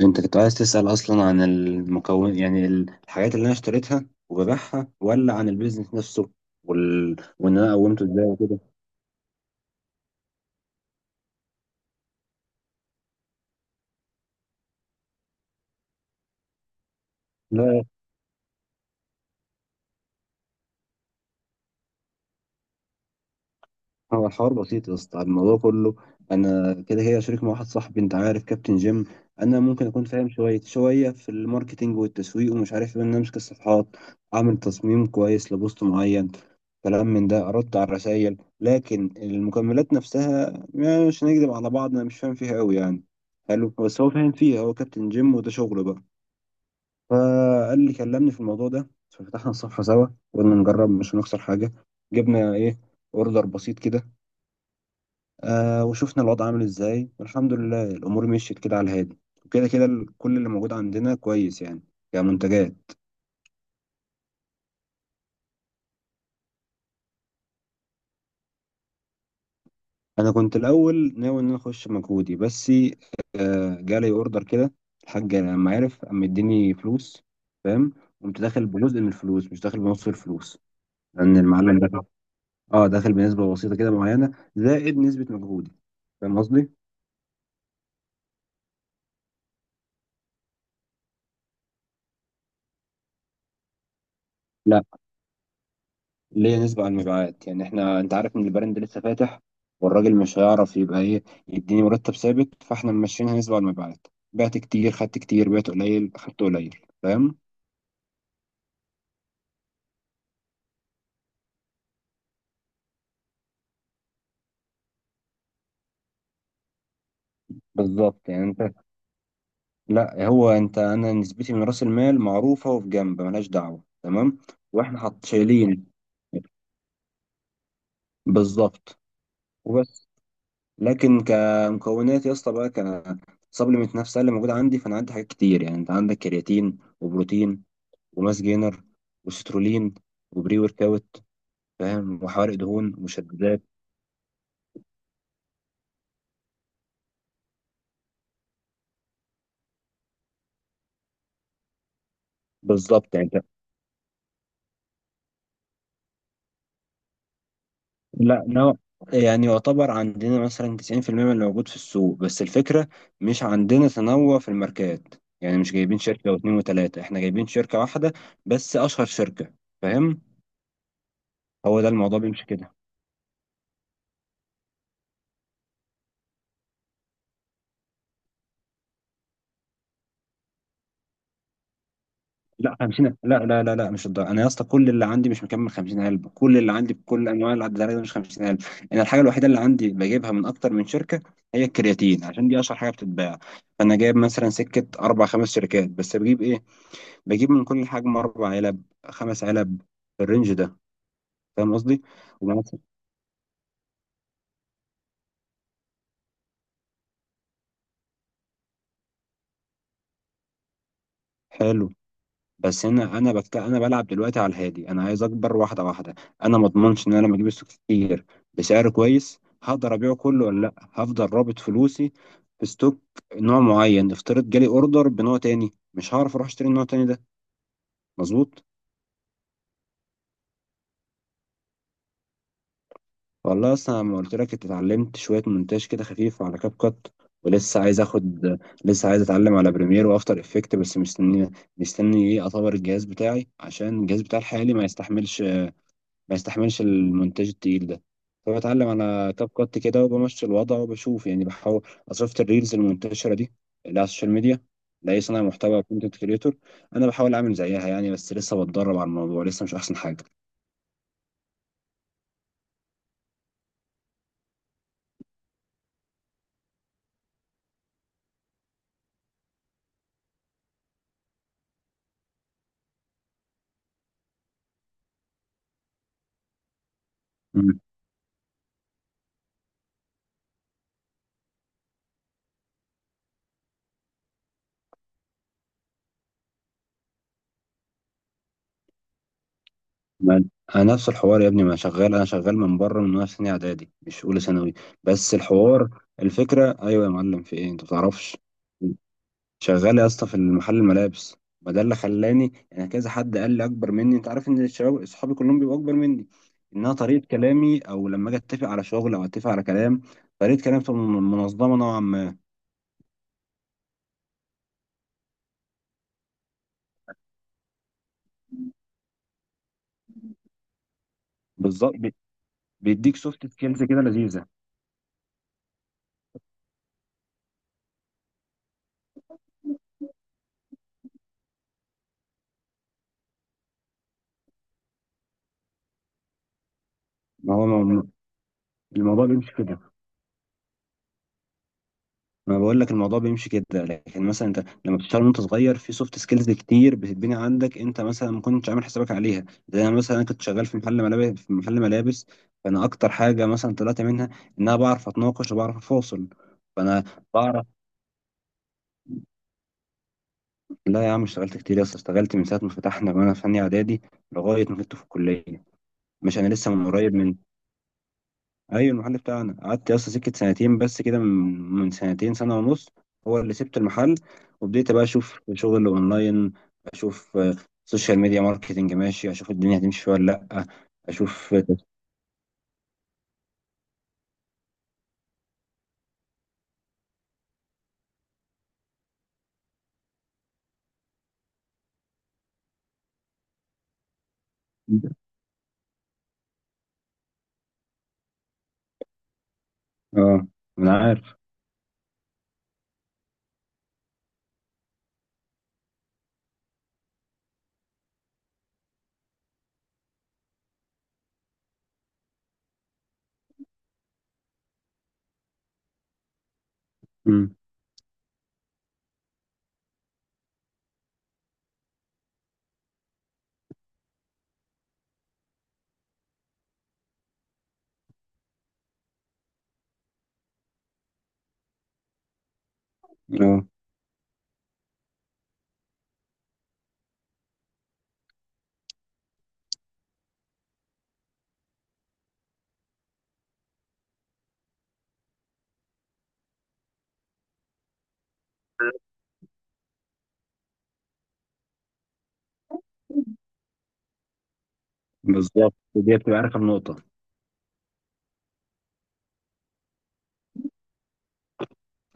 انت كنت عايز تسأل اصلا عن المكون، يعني الحاجات اللي انا اشتريتها وببيعها، ولا عن البيزنس نفسه وان انا قومته ازاي وكده. لا، هو الحوار بسيط يا اسطى. الموضوع كله انا كده كده شريك مع واحد صاحبي، انت عارف كابتن جيم. انا ممكن اكون فاهم شويه شويه في الماركتينج والتسويق ومش عارف ايه، ان انا امسك الصفحات، اعمل تصميم كويس لبوست معين، كلام من ده، ارد على الرسائل. لكن المكملات نفسها يعني مش هنكذب على بعض، انا مش فاهم فيها قوي يعني. حلو، بس هو فاهم فيها، هو كابتن جيم وده شغله بقى. فقال لي كلمني في الموضوع ده، ففتحنا الصفحه سوا. قلنا نجرب، مش هنخسر حاجه. جبنا ايه، اوردر بسيط كده. آه، وشفنا الوضع عامل ازاي، والحمد لله الامور مشيت كده على الهادي. وكده كده كل اللي موجود عندنا كويس، يعني كمنتجات. انا كنت الاول ناوي ان انا اخش مجهودي بس. آه، جالي اوردر كده، الحاج لما عرف قام مديني فلوس، فاهم؟ قمت داخل بجزء من الفلوس، مش داخل بنص الفلوس. لان المعلم ده، اه، داخل بنسبه بسيطه كده معينه، زائد نسبه مجهودي. فاهم قصدي؟ ليه نسبة على المبيعات؟ يعني احنا انت عارف ان البراند لسه فاتح، والراجل مش هيعرف يبقى ايه، يديني مرتب ثابت. فاحنا ماشيينها نسبة على المبيعات. بعت كتير خدت كتير، بعت قليل خدت قليل. فاهم؟ بالظبط يعني انت. لا، هو انت، انا نسبتي من راس المال معروفة وفي جنب ملهاش دعوة، تمام. واحنا حط شايلين. بالظبط. وبس. لكن كمكونات يا اسطى بقى، سبلمنت نفسها اللي موجوده عندي، فانا عندي حاجات كتير، يعني انت عندك كرياتين وبروتين وماس جينر وسترولين وبري ورك اوت، فاهم، وحوارق دهون ومشددات. بالظبط يعني انت. لا، نوع، يعني يعتبر عندنا مثلا 90% من اللي موجود في السوق، بس الفكرة مش عندنا تنوع في الماركات، يعني مش جايبين شركة أو اتنين وتلاتة، احنا جايبين شركة واحدة، بس أشهر شركة. فاهم؟ هو ده الموضوع بيمشي كده. لا، 50، لا، لا، لا، لا، مش الدرجة. انا يا اسطى كل اللي عندي، مش مكمل 50,000 علبه. كل اللي عندي بكل انواع الادويه ده، مش 50,000. انا الحاجه الوحيده اللي عندي بجيبها من اكتر من شركه هي الكرياتين، عشان دي اشهر حاجه بتتباع. فانا جايب مثلا سكه اربع خمس شركات، بس بجيب ايه، بجيب من كل حجم اربع علب، خمس علب، في الرينج ده. فاهم قصدي؟ ومثلا- حلو. بس انا بلعب دلوقتي على الهادي. انا عايز اكبر واحده واحده. انا ما اضمنش ان انا لما اجيب ستوك كتير بسعر كويس هقدر ابيعه كله، ولا لا هفضل رابط فلوسي في ستوك نوع معين. افترض جالي اوردر بنوع تاني، مش هعرف اروح اشتري النوع التاني ده. مظبوط. والله اصلا لما قلت لك، انت اتعلمت شويه مونتاج كده خفيف على كاب كات، ولسه عايز اخد. لسه عايز اتعلم على بريمير وافتر افكت، بس مستني ايه؟ اطور الجهاز بتاعي، عشان الجهاز بتاعي الحالي ما يستحملش المونتاج التقيل ده. فبتعلم على كاب كات كده وبمشي الوضع وبشوف، يعني بحاول. أنا شفت الريلز المنتشرة دي اللي على السوشيال ميديا لأي صانع محتوى كونتنت كريتور، أنا بحاول أعمل زيها يعني، بس لسه بتدرب على الموضوع، لسه مش أحسن حاجة. مم. ما أنا نفس الحوار يا ابني، ما شغال. أنا شغال من بره من وأنا في سنة إعدادي، مش أولى ثانوي. بس الحوار، الفكرة، أيوه يا معلم، في إيه أنت ما بتعرفش؟ شغال يا اسطى في المحل، الملابس. ما ده اللي خلاني، يعني كذا حد قال لي اكبر مني، انت عارف ان الشباب اصحابي كلهم بيبقوا اكبر مني، انها طريقه كلامي، او لما اجي اتفق على شغل او اتفق على كلام، طريقه كلامي بتبقى منظمه نوعا ما. بالظبط، بيديك سوفت سكيلز كده لذيذه. ما هو الموضوع بيمشي كده. ما بقول لك الموضوع بيمشي كده، لكن مثلا انت لما بتشتغل وانت صغير في سوفت سكيلز كتير بتتبني عندك، انت مثلا ما كنتش عامل حسابك عليها. زي انا مثلا كنت شغال في محل ملابس، فانا اكتر حاجه مثلا طلعت منها ان انا بعرف اتناقش وبعرف افاصل. فانا بعرف. لا يا عم، اشتغلت كتير يا اسطى، اشتغلت من ساعه ما فتحنا وانا في ثانيه اعدادي لغايه ما كنت في الكليه. مش انا لسه من قريب من. ايوه، المحل بتاعنا قعدت اصلا سكه سنتين بس كده، من سنتين، سنه ونص، هو اللي سبت المحل. وبديت بقى اشوف شغل اونلاين. اشوف سوشيال ميديا ماركتنج، ماشي، اشوف الدنيا هتمشي فيها ولا لا. اشوف. اه، انا عارف. امم. اه، بالظبط، دي بتبقى، عارف، النقطه.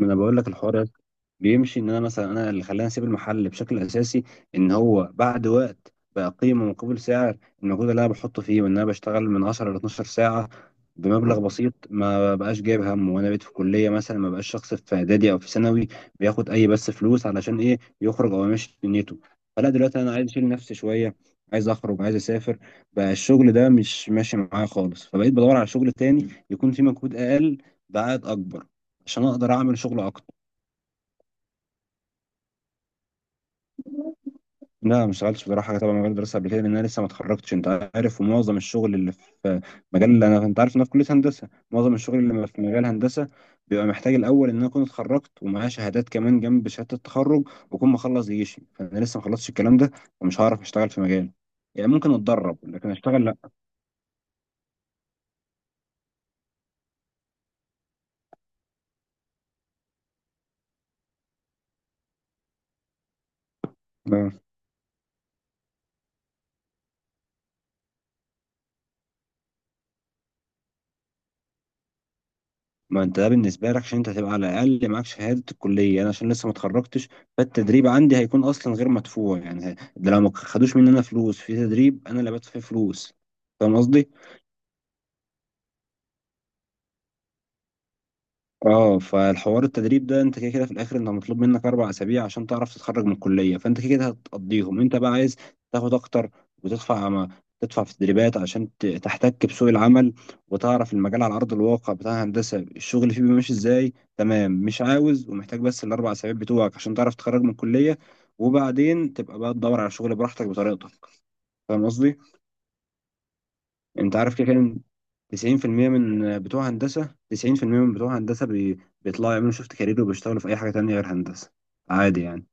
ما انا بقول لك الحوار ده بيمشي. ان انا مثلا، انا اللي خلاني اسيب المحل بشكل اساسي، ان هو بعد وقت بقى قيمه مقابل سعر، المجهود اللي انا بحطه فيه، وان انا بشتغل من 10 ل 12 ساعه بمبلغ بسيط، ما بقاش جايب هم. وانا بقيت في كليه مثلا، ما بقاش شخص في اعدادي او في ثانوي بياخد اي بس فلوس علشان ايه، يخرج او يمشي دنيته. فلا، دلوقتي انا عايز اشيل نفسي شويه، عايز اخرج، عايز اسافر، بقى الشغل ده مش ماشي معايا خالص. فبقيت بدور على شغل تاني يكون فيه مجهود اقل بعائد اكبر، عشان اقدر اعمل شغل اكتر. لا، ما اشتغلتش بصراحه تبع مجال الدراسه قبل كده، لان انا لسه ما اتخرجتش انت عارف. ومعظم الشغل اللي في مجال، اللي انا، انت عارف ان انا في كليه هندسه، معظم الشغل اللي في مجال هندسه بيبقى محتاج الاول ان انا اكون اتخرجت ومعايا شهادات كمان جنب شهاده التخرج، واكون مخلص جيشي، فانا لسه ما خلصتش الكلام ده، ومش هعرف اشتغل في مجال. يعني ممكن اتدرب لكن اشتغل، لا. ما انت ده بالنسبه لك، عشان انت هتبقى على الاقل معاك شهاده الكليه. انا عشان لسه ما اتخرجتش، فالتدريب عندي هيكون اصلا غير مدفوع، يعني ده لو ما خدوش مننا فلوس في تدريب، انا اللي بدفع فيه فلوس. فاهم قصدي؟ اه، فالحوار التدريب ده، انت كده كده في الاخر انت مطلوب منك اربع اسابيع عشان تعرف تتخرج من الكليه، فانت كده كده هتقضيهم. انت بقى عايز تاخد اكتر، وتدفع، ما تدفع في التدريبات عشان تحتك بسوق العمل، وتعرف المجال على ارض الواقع بتاع الهندسه، الشغل فيه بيمشي ازاي. تمام، مش عاوز ومحتاج بس الاربع اسابيع بتوعك عشان تعرف تتخرج من الكليه، وبعدين تبقى بقى تدور على شغل براحتك بطريقتك. فاهم قصدي؟ انت عارف كده كده، 90% من بتوع هندسة بيطلعوا يعملوا شيفت كارير، وبيشتغلوا في أي حاجة تانية غير هندسة، عادي يعني.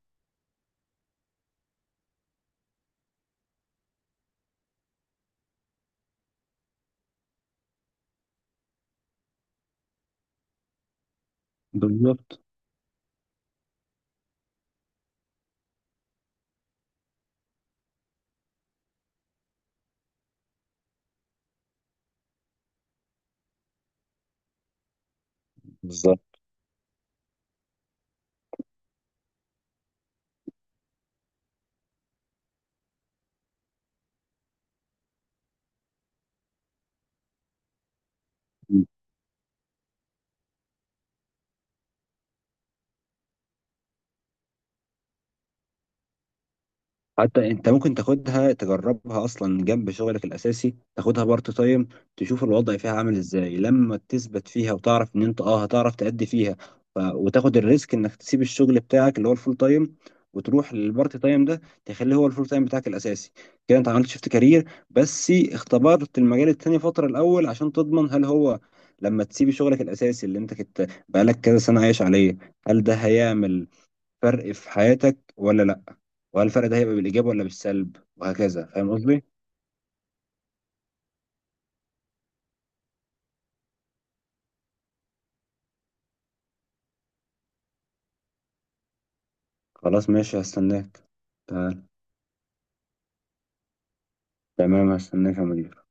بالظبط. بالظبط. حتى انت ممكن تاخدها تجربها اصلا جنب شغلك الاساسي، تاخدها بارت تايم، تشوف الوضع فيها عامل ازاي، لما تثبت فيها وتعرف ان انت اه هتعرف تأدي فيها. وتاخد الريسك انك تسيب الشغل بتاعك اللي هو الفول تايم، وتروح للبارت تايم ده تخليه هو الفول تايم بتاعك الاساسي. كده انت عملت شيفت كارير، بس اختبرت المجال التاني فترة الاول عشان تضمن هل هو لما تسيب شغلك الاساسي اللي انت كنت بقالك كذا سنة عايش عليه، هل ده هيعمل فرق في حياتك ولا لأ، وهل الفرق ده هيبقى بالإيجاب ولا بالسلب، وهكذا. فاهم قصدي؟ خلاص، ماشي، هستناك. تعال. تمام، هستناك يا مدير.